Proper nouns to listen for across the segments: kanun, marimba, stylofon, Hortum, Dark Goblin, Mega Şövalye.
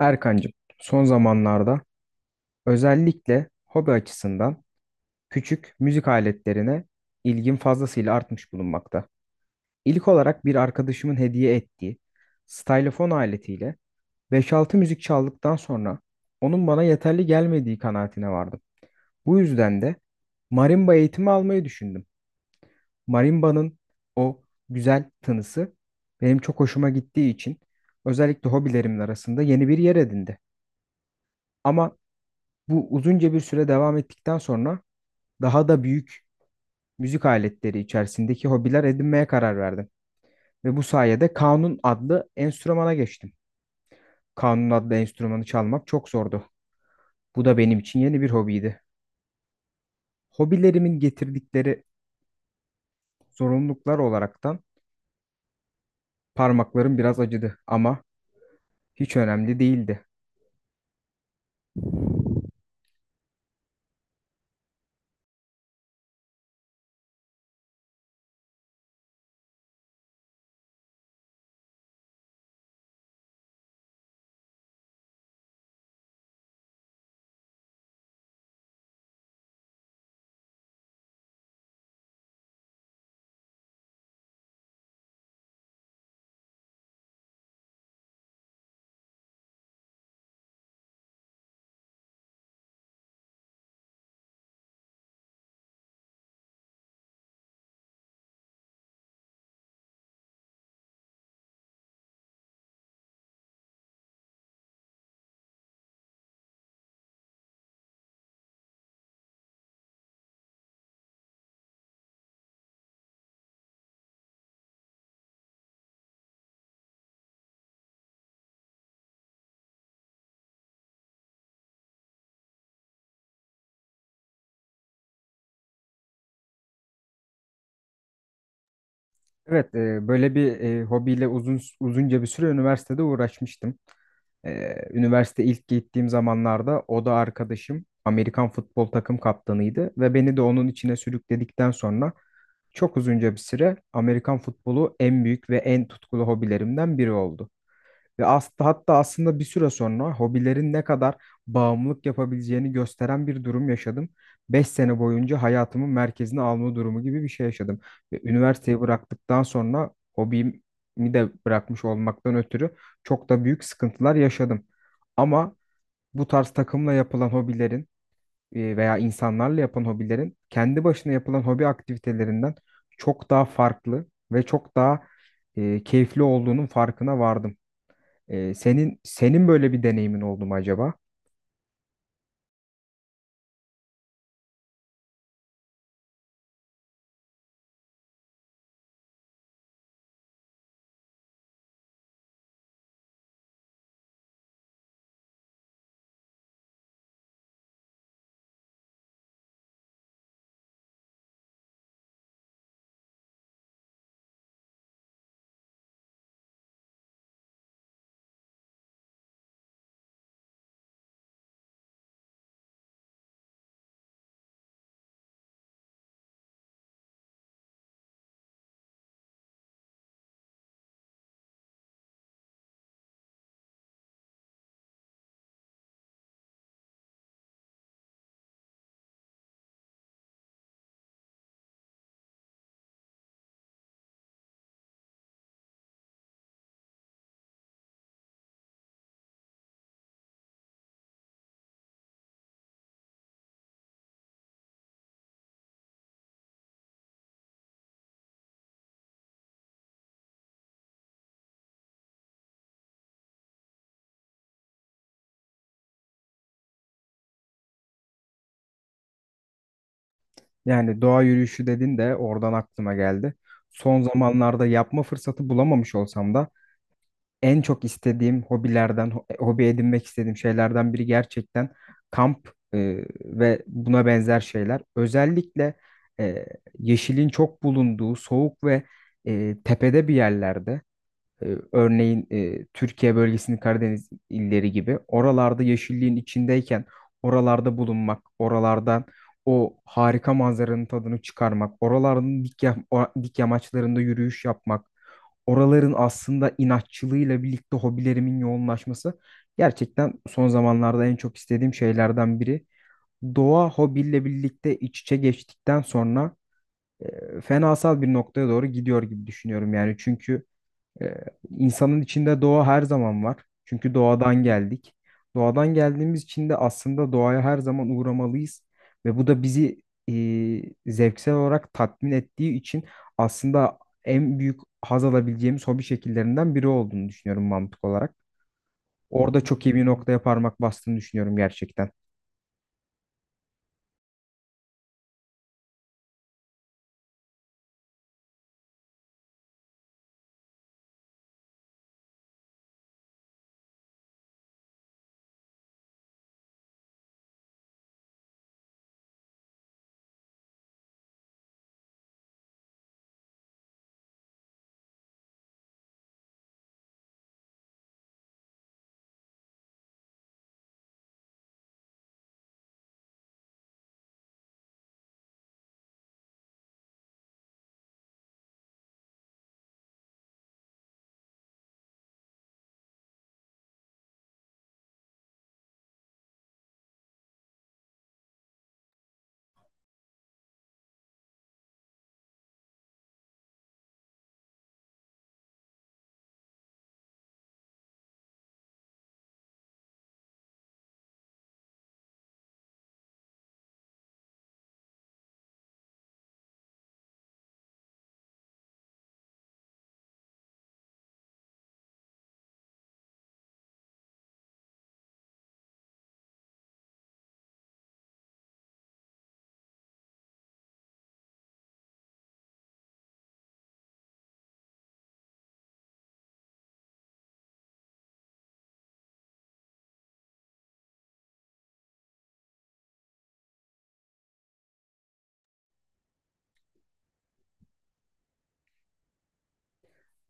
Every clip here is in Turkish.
Erkancığım, son zamanlarda özellikle hobi açısından küçük müzik aletlerine ilgim fazlasıyla artmış bulunmakta. İlk olarak bir arkadaşımın hediye ettiği stylofon aletiyle 5-6 müzik çaldıktan sonra onun bana yeterli gelmediği kanaatine vardım. Bu yüzden de marimba eğitimi almayı düşündüm. Marimba'nın o güzel tınısı benim çok hoşuma gittiği için özellikle hobilerimin arasında yeni bir yer edindi. Ama bu uzunca bir süre devam ettikten sonra daha da büyük müzik aletleri içerisindeki hobiler edinmeye karar verdim. Ve bu sayede kanun adlı enstrümana geçtim. Kanun adlı enstrümanı çalmak çok zordu. Bu da benim için yeni bir hobiydi. Hobilerimin getirdikleri zorunluluklar olaraktan parmaklarım biraz acıdı ama hiç önemli değildi. Evet, böyle bir hobiyle uzun uzunca bir süre üniversitede uğraşmıştım. Üniversite ilk gittiğim zamanlarda o da arkadaşım Amerikan futbol takım kaptanıydı ve beni de onun içine sürükledikten sonra çok uzunca bir süre Amerikan futbolu en büyük ve en tutkulu hobilerimden biri oldu. Hatta aslında bir süre sonra hobilerin ne kadar bağımlılık yapabileceğini gösteren bir durum yaşadım. 5 sene boyunca hayatımın merkezine alma durumu gibi bir şey yaşadım. Ve üniversiteyi bıraktıktan sonra hobimi de bırakmış olmaktan ötürü çok da büyük sıkıntılar yaşadım. Ama bu tarz takımla yapılan hobilerin veya insanlarla yapılan hobilerin kendi başına yapılan hobi aktivitelerinden çok daha farklı ve çok daha keyifli olduğunun farkına vardım. Senin böyle bir deneyimin oldu mu acaba? Yani doğa yürüyüşü dedin de oradan aklıma geldi. Son zamanlarda yapma fırsatı bulamamış olsam da en çok istediğim hobi edinmek istediğim şeylerden biri gerçekten kamp ve buna benzer şeyler. Özellikle e, yeşilin çok bulunduğu soğuk ve tepede bir yerlerde. Örneğin Türkiye bölgesinin Karadeniz illeri gibi oralarda yeşilliğin içindeyken oralarda bulunmak, oralardan o harika manzaranın tadını çıkarmak, oraların dik, ya- o- dik yamaçlarında yürüyüş yapmak, oraların aslında inatçılığıyla birlikte hobilerimin yoğunlaşması gerçekten son zamanlarda en çok istediğim şeylerden biri. Doğa hobiyle birlikte iç içe geçtikten sonra fenasal bir noktaya doğru gidiyor gibi düşünüyorum yani çünkü ee, insanın içinde doğa her zaman var. Çünkü doğadan geldik. Doğadan geldiğimiz için de aslında doğaya her zaman uğramalıyız. Ve bu da bizi zevksel olarak tatmin ettiği için aslında en büyük haz alabileceğimiz hobi şekillerinden biri olduğunu düşünüyorum mantık olarak. Orada çok iyi bir noktaya parmak bastığını düşünüyorum gerçekten.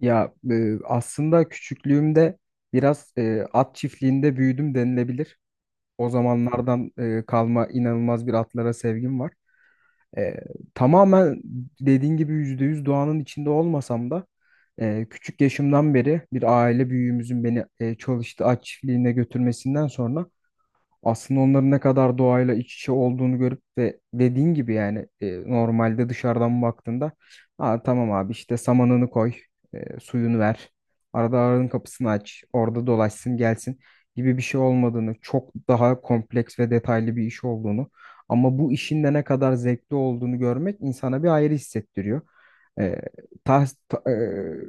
Ya aslında küçüklüğümde biraz at çiftliğinde büyüdüm denilebilir. O zamanlardan kalma inanılmaz bir atlara sevgim var. E, Tamamen dediğin gibi %100 doğanın içinde olmasam da küçük yaşımdan beri bir aile büyüğümüzün beni çalıştı at çiftliğine götürmesinden sonra aslında onların ne kadar doğayla iç içe olduğunu görüp de dediğin gibi yani normalde dışarıdan baktığında Aa, tamam abi işte samanını koy, suyunu ver, arada arının kapısını aç, orada dolaşsın gelsin gibi bir şey olmadığını, çok daha kompleks ve detaylı bir iş olduğunu ama bu işin de ne kadar zevkli olduğunu görmek insana bir ayrı hissettiriyor. E,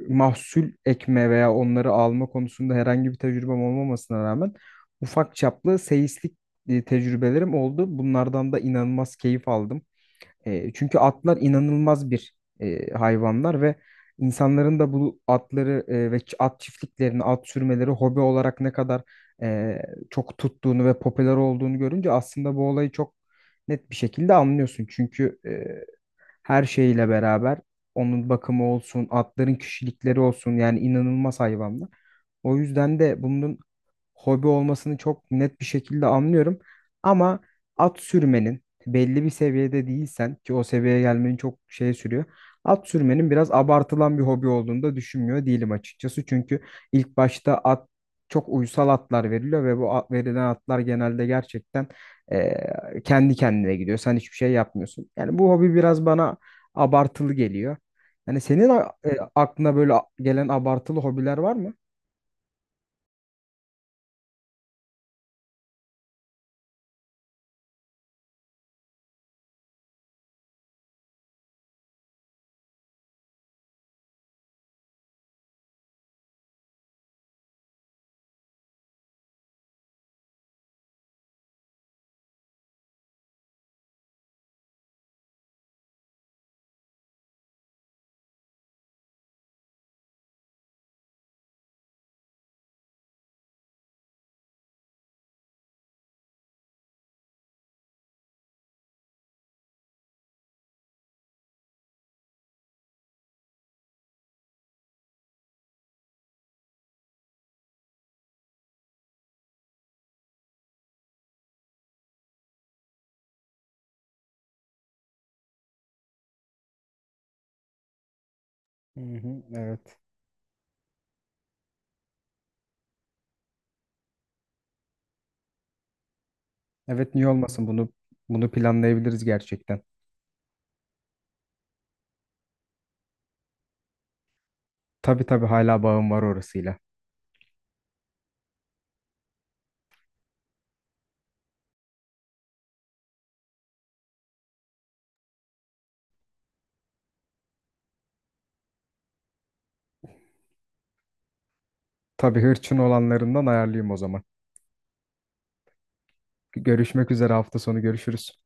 Mahsul ekme veya onları alma konusunda herhangi bir tecrübem olmamasına rağmen ufak çaplı seyislik tecrübelerim oldu. Bunlardan da inanılmaz keyif aldım. Çünkü atlar inanılmaz bir hayvanlar ve insanların da bu atları at çiftliklerini, at sürmeleri hobi olarak ne kadar e, çok tuttuğunu ve popüler olduğunu görünce aslında bu olayı çok net bir şekilde anlıyorsun. Çünkü her şeyle beraber onun bakımı olsun, atların kişilikleri olsun yani inanılmaz hayvanlar. O yüzden de bunun hobi olmasını çok net bir şekilde anlıyorum. Ama at sürmenin belli bir seviyede değilsen ki o seviyeye gelmenin çok şey sürüyor. At sürmenin biraz abartılan bir hobi olduğunu da düşünmüyor değilim açıkçası. Çünkü ilk başta at çok uysal atlar veriliyor ve bu at, verilen atlar genelde gerçekten eee, kendi kendine gidiyor. Sen hiçbir şey yapmıyorsun. Yani bu hobi biraz bana abartılı geliyor. Yani aklına böyle gelen abartılı hobiler var mı? Hı hı, evet. Evet, niye olmasın, bunu planlayabiliriz gerçekten. Tabii tabii, hala bağım var orasıyla. Tabii, hırçın olanlarından ayarlayayım o zaman. Görüşmek üzere hafta sonu görüşürüz.